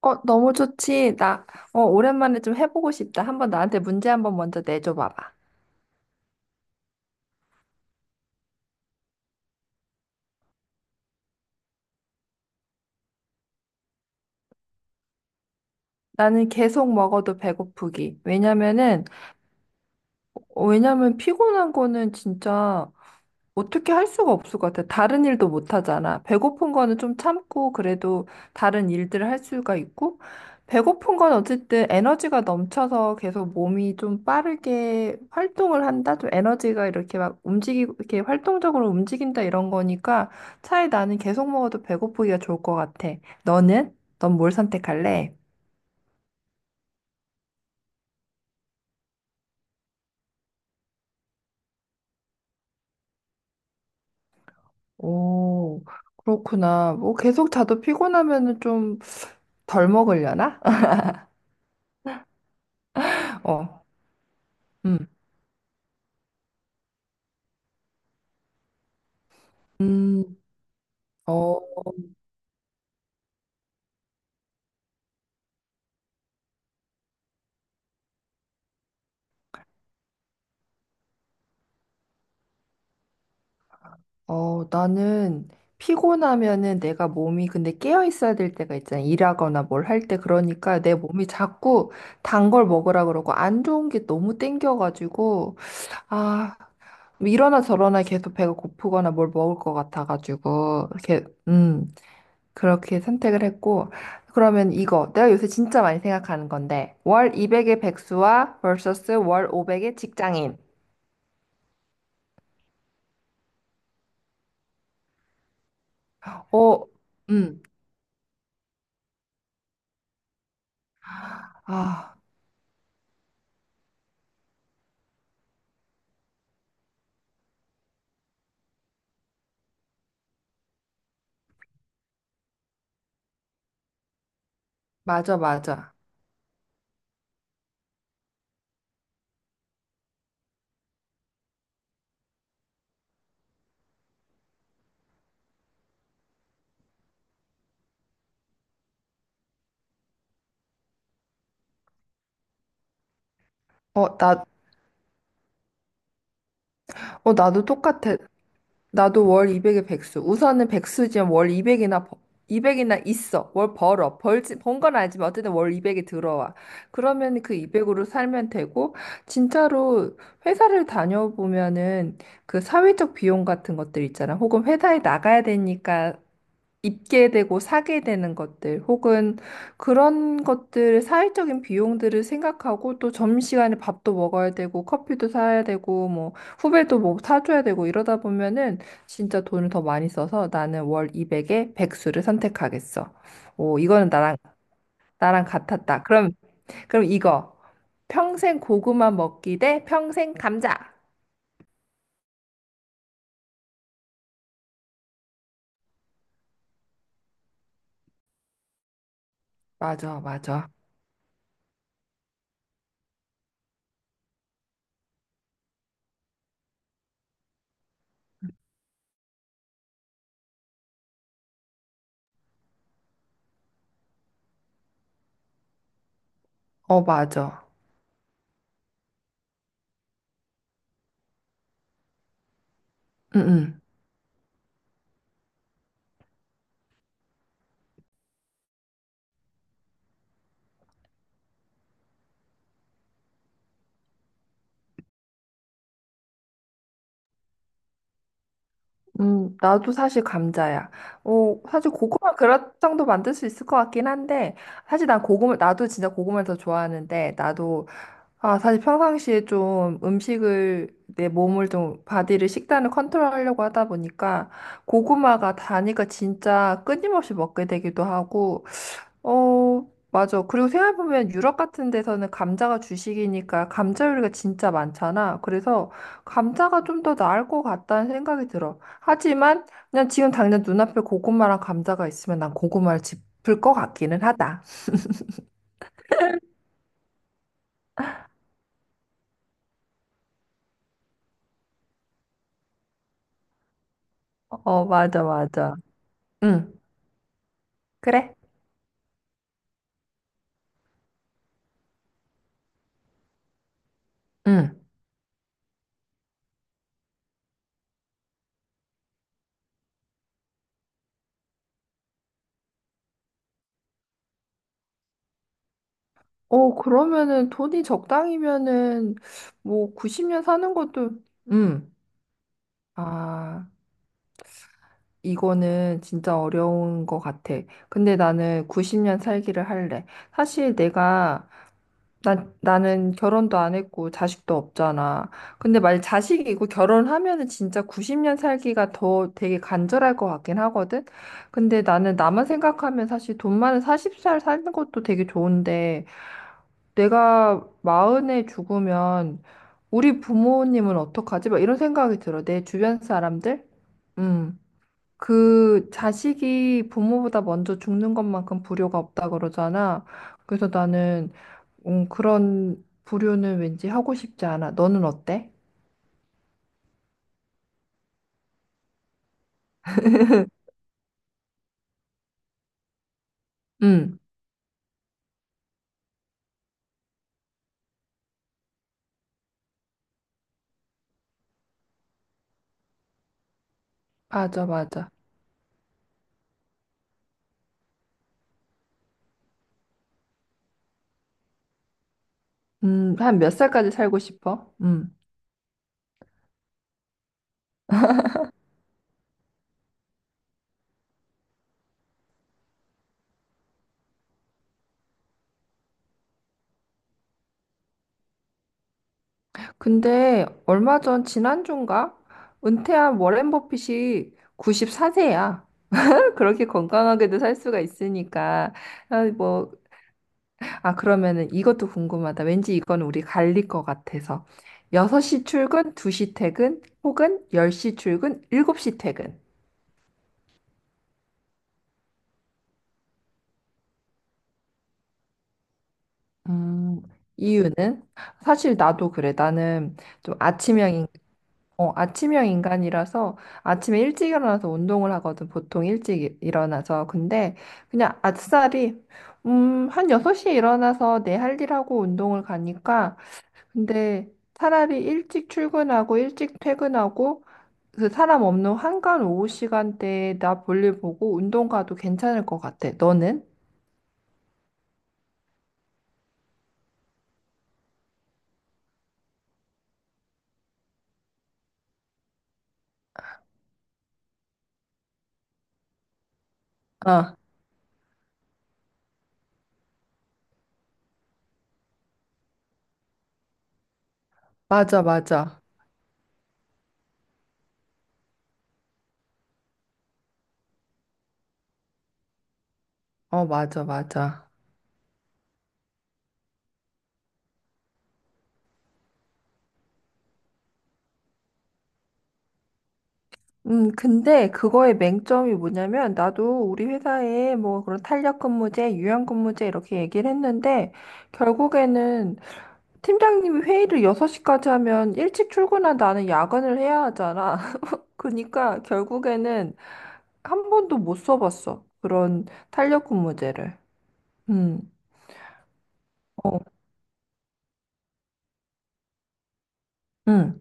어, 너무 좋지. 오랜만에 좀 해보고 싶다. 한번 나한테 문제 한번 먼저 내줘 봐봐. 나는 계속 먹어도 배고프기. 왜냐면 피곤한 거는 진짜 어떻게 할 수가 없을 것 같아. 다른 일도 못 하잖아. 배고픈 거는 좀 참고 그래도 다른 일들을 할 수가 있고, 배고픈 건 어쨌든 에너지가 넘쳐서 계속 몸이 좀 빠르게 활동을 한다? 좀 에너지가 이렇게 막 움직이고, 이렇게 활동적으로 움직인다 이런 거니까 차에 나는 계속 먹어도 배고프기가 좋을 것 같아. 너는? 넌 뭘 선택할래? 오, 그렇구나. 뭐 계속 자도 피곤하면은 좀 덜 먹으려나? 어. 음. 음, 어, 나는 피곤하면은 내가 몸이 근데 깨어 있어야 될 때가 있잖아. 일하거나 뭘 할 때 그러니까 내 몸이 자꾸 단 걸 먹으라 그러고 안 좋은 게 너무 땡겨가지고 아, 뭐 이러나 저러나 계속 배가 고프거나 뭘 먹을 것 같아가지고 이렇게 그렇게 선택을 했고 그러면 이거 내가 요새 진짜 많이 생각하는 건데 월 200의 백수와 vs 월 500의 직장인. 어, 음, 아, 맞아, 맞아. 어, 나 나도 똑같아. 나도 월 200에 백수. 우선은 백수지만 월 200이나 있어. 월 벌어. 벌지, 번 건 알지만 어쨌든 월 200이 들어와. 그러면 그 200으로 살면 되고, 진짜로 회사를 다녀보면은 그 사회적 비용 같은 것들 있잖아. 혹은 회사에 나가야 되니까 입게 되고 사게 되는 것들 혹은 그런 것들 사회적인 비용들을 생각하고 또 점심시간에 밥도 먹어야 되고 커피도 사야 되고 뭐 후배도 뭐 사줘야 되고 이러다 보면은 진짜 돈을 더 많이 써서 나는 월 200에 백수를 선택하겠어. 오, 이거는 나랑 같았다. 그럼 이거 평생 고구마 먹기 대 평생 감자. 맞아, 맞아. 어, 맞아. 응, 응. 나도 사실 감자야. 어, 사실 고구마 그라탕도 만들 수 있을 것 같긴 한데, 사실 난 고구마, 나도 진짜 고구마를 더 좋아하는데, 나도, 아, 사실 평상시에 좀 음식을, 내 몸을 좀, 바디를, 식단을 컨트롤하려고 하다 보니까, 고구마가 다니까 진짜 끊임없이 먹게 되기도 하고, 어, 맞아. 그리고 생각해보면 유럽 같은 데서는 감자가 주식이니까 감자 요리가 진짜 많잖아. 그래서 감자가 좀 더 나을 것 같다는 생각이 들어. 하지만 그냥 지금 당장 눈앞에 고구마랑 감자가 있으면 난 고구마를 짚을 것 같기는 하다. 어, 맞아, 맞아. 응, 그래. 응. 어, 그러면은 돈이 적당이면은 뭐 90년 사는 것도, 응. 아. 이거는 진짜 어려운 것 같아. 근데 나는 90년 살기를 할래. 사실 내가, 나는 결혼도 안 했고 자식도 없잖아. 근데 만약 자식이 있고 결혼하면은 진짜 90년 살기가 더 되게 간절할 것 같긴 하거든? 근데 나는 나만 생각하면 사실 돈 많은 40살 사는 것도 되게 좋은데 내가 40에 죽으면 우리 부모님은 어떡하지? 막 이런 생각이 들어. 내 주변 사람들? 음. 그 자식이 부모보다 먼저 죽는 것만큼 불효가 없다 그러잖아. 그래서 나는 그런 불효는 왠지 하고 싶지 않아. 너는 어때? 응, 맞아, 맞아. 한 몇 살까지 살고 싶어? 음. 근데 얼마 전 지난주인가? 은퇴한 워렌 버핏이 94세야. 그렇게 건강하게도 살 수가 있으니까 아, 뭐 그러면은 이것도 궁금하다. 왠지 이건 우리 갈릴 것 같아서. 6시 출근, 2시 퇴근, 혹은 10시 출근, 7시 퇴근. 음, 이유는? 사실 나도 그래. 나는 좀 아침형, 아침형 인간이라서 아침에 일찍 일어나서 운동을 하거든. 보통 일찍 일어나서. 근데 그냥 아싸리, 한 6시에 일어나서 내 할 일하고 운동을 가니까. 근데 차라리 일찍 출근하고 일찍 퇴근하고 그 사람 없는 한간 오후 시간대에 나 볼일 보고 운동 가도 괜찮을 것 같아. 너는? 어, 맞아, 맞아. 어, 맞아, 맞아. 근데 그거의 맹점이 뭐냐면 나도 우리 회사에 뭐 그런 탄력 근무제, 유연 근무제 이렇게 얘기를 했는데 결국에는 팀장님이 회의를 6시까지 하면 일찍 출근한 나는 야근을 해야 하잖아. 그러니까 결국에는 한 번도 못 써봤어. 그런 탄력 근무제를. 음. 어. 응.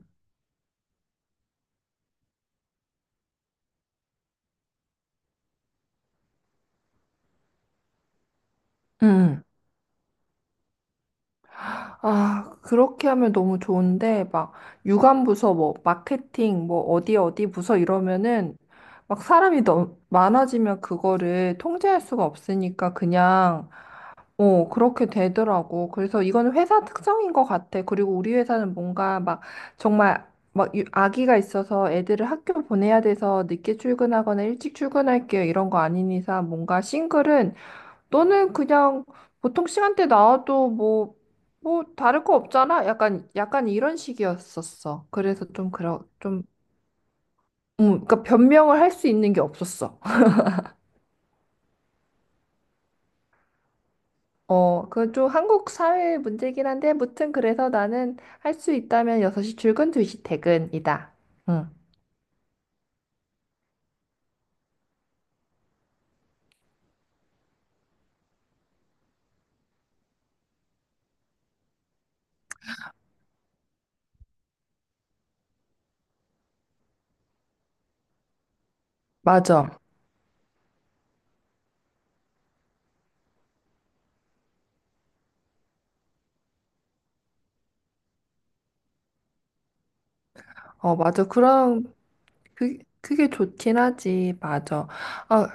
응. 아, 그렇게 하면 너무 좋은데, 막, 유관 부서, 뭐, 마케팅, 뭐, 어디 부서 이러면은, 막 사람이 너무 많아지면 그거를 통제할 수가 없으니까 그냥, 그렇게 되더라고. 그래서 이건 회사 특성인 것 같아. 그리고 우리 회사는 뭔가 막, 정말, 막, 아기가 있어서 애들을 학교 보내야 돼서 늦게 출근하거나 일찍 출근할게요. 이런 거 아닌 이상 뭔가 싱글은 너는 그냥 보통 시간대 나와도 뭐, 다를 거 없잖아? 약간, 약간 이런 식이었었어. 그래서 좀, 좀, 그러니까 변명을 할 수 있는 게 없었어. 어, 그건 좀 한국 사회 문제긴 한데, 무튼 그래서 나는 할 수 있다면 6시 출근, 2시 퇴근이다. 응, 맞아. 어, 맞아. 그럼, 그게 좋긴 하지. 맞아. 아,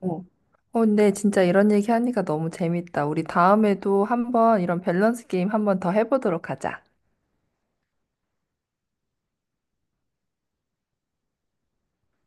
어. 어, 근데 진짜 이런 얘기 하니까 너무 재밌다. 우리 다음에도 한번 이런 밸런스 게임 한번 더 해보도록 하자.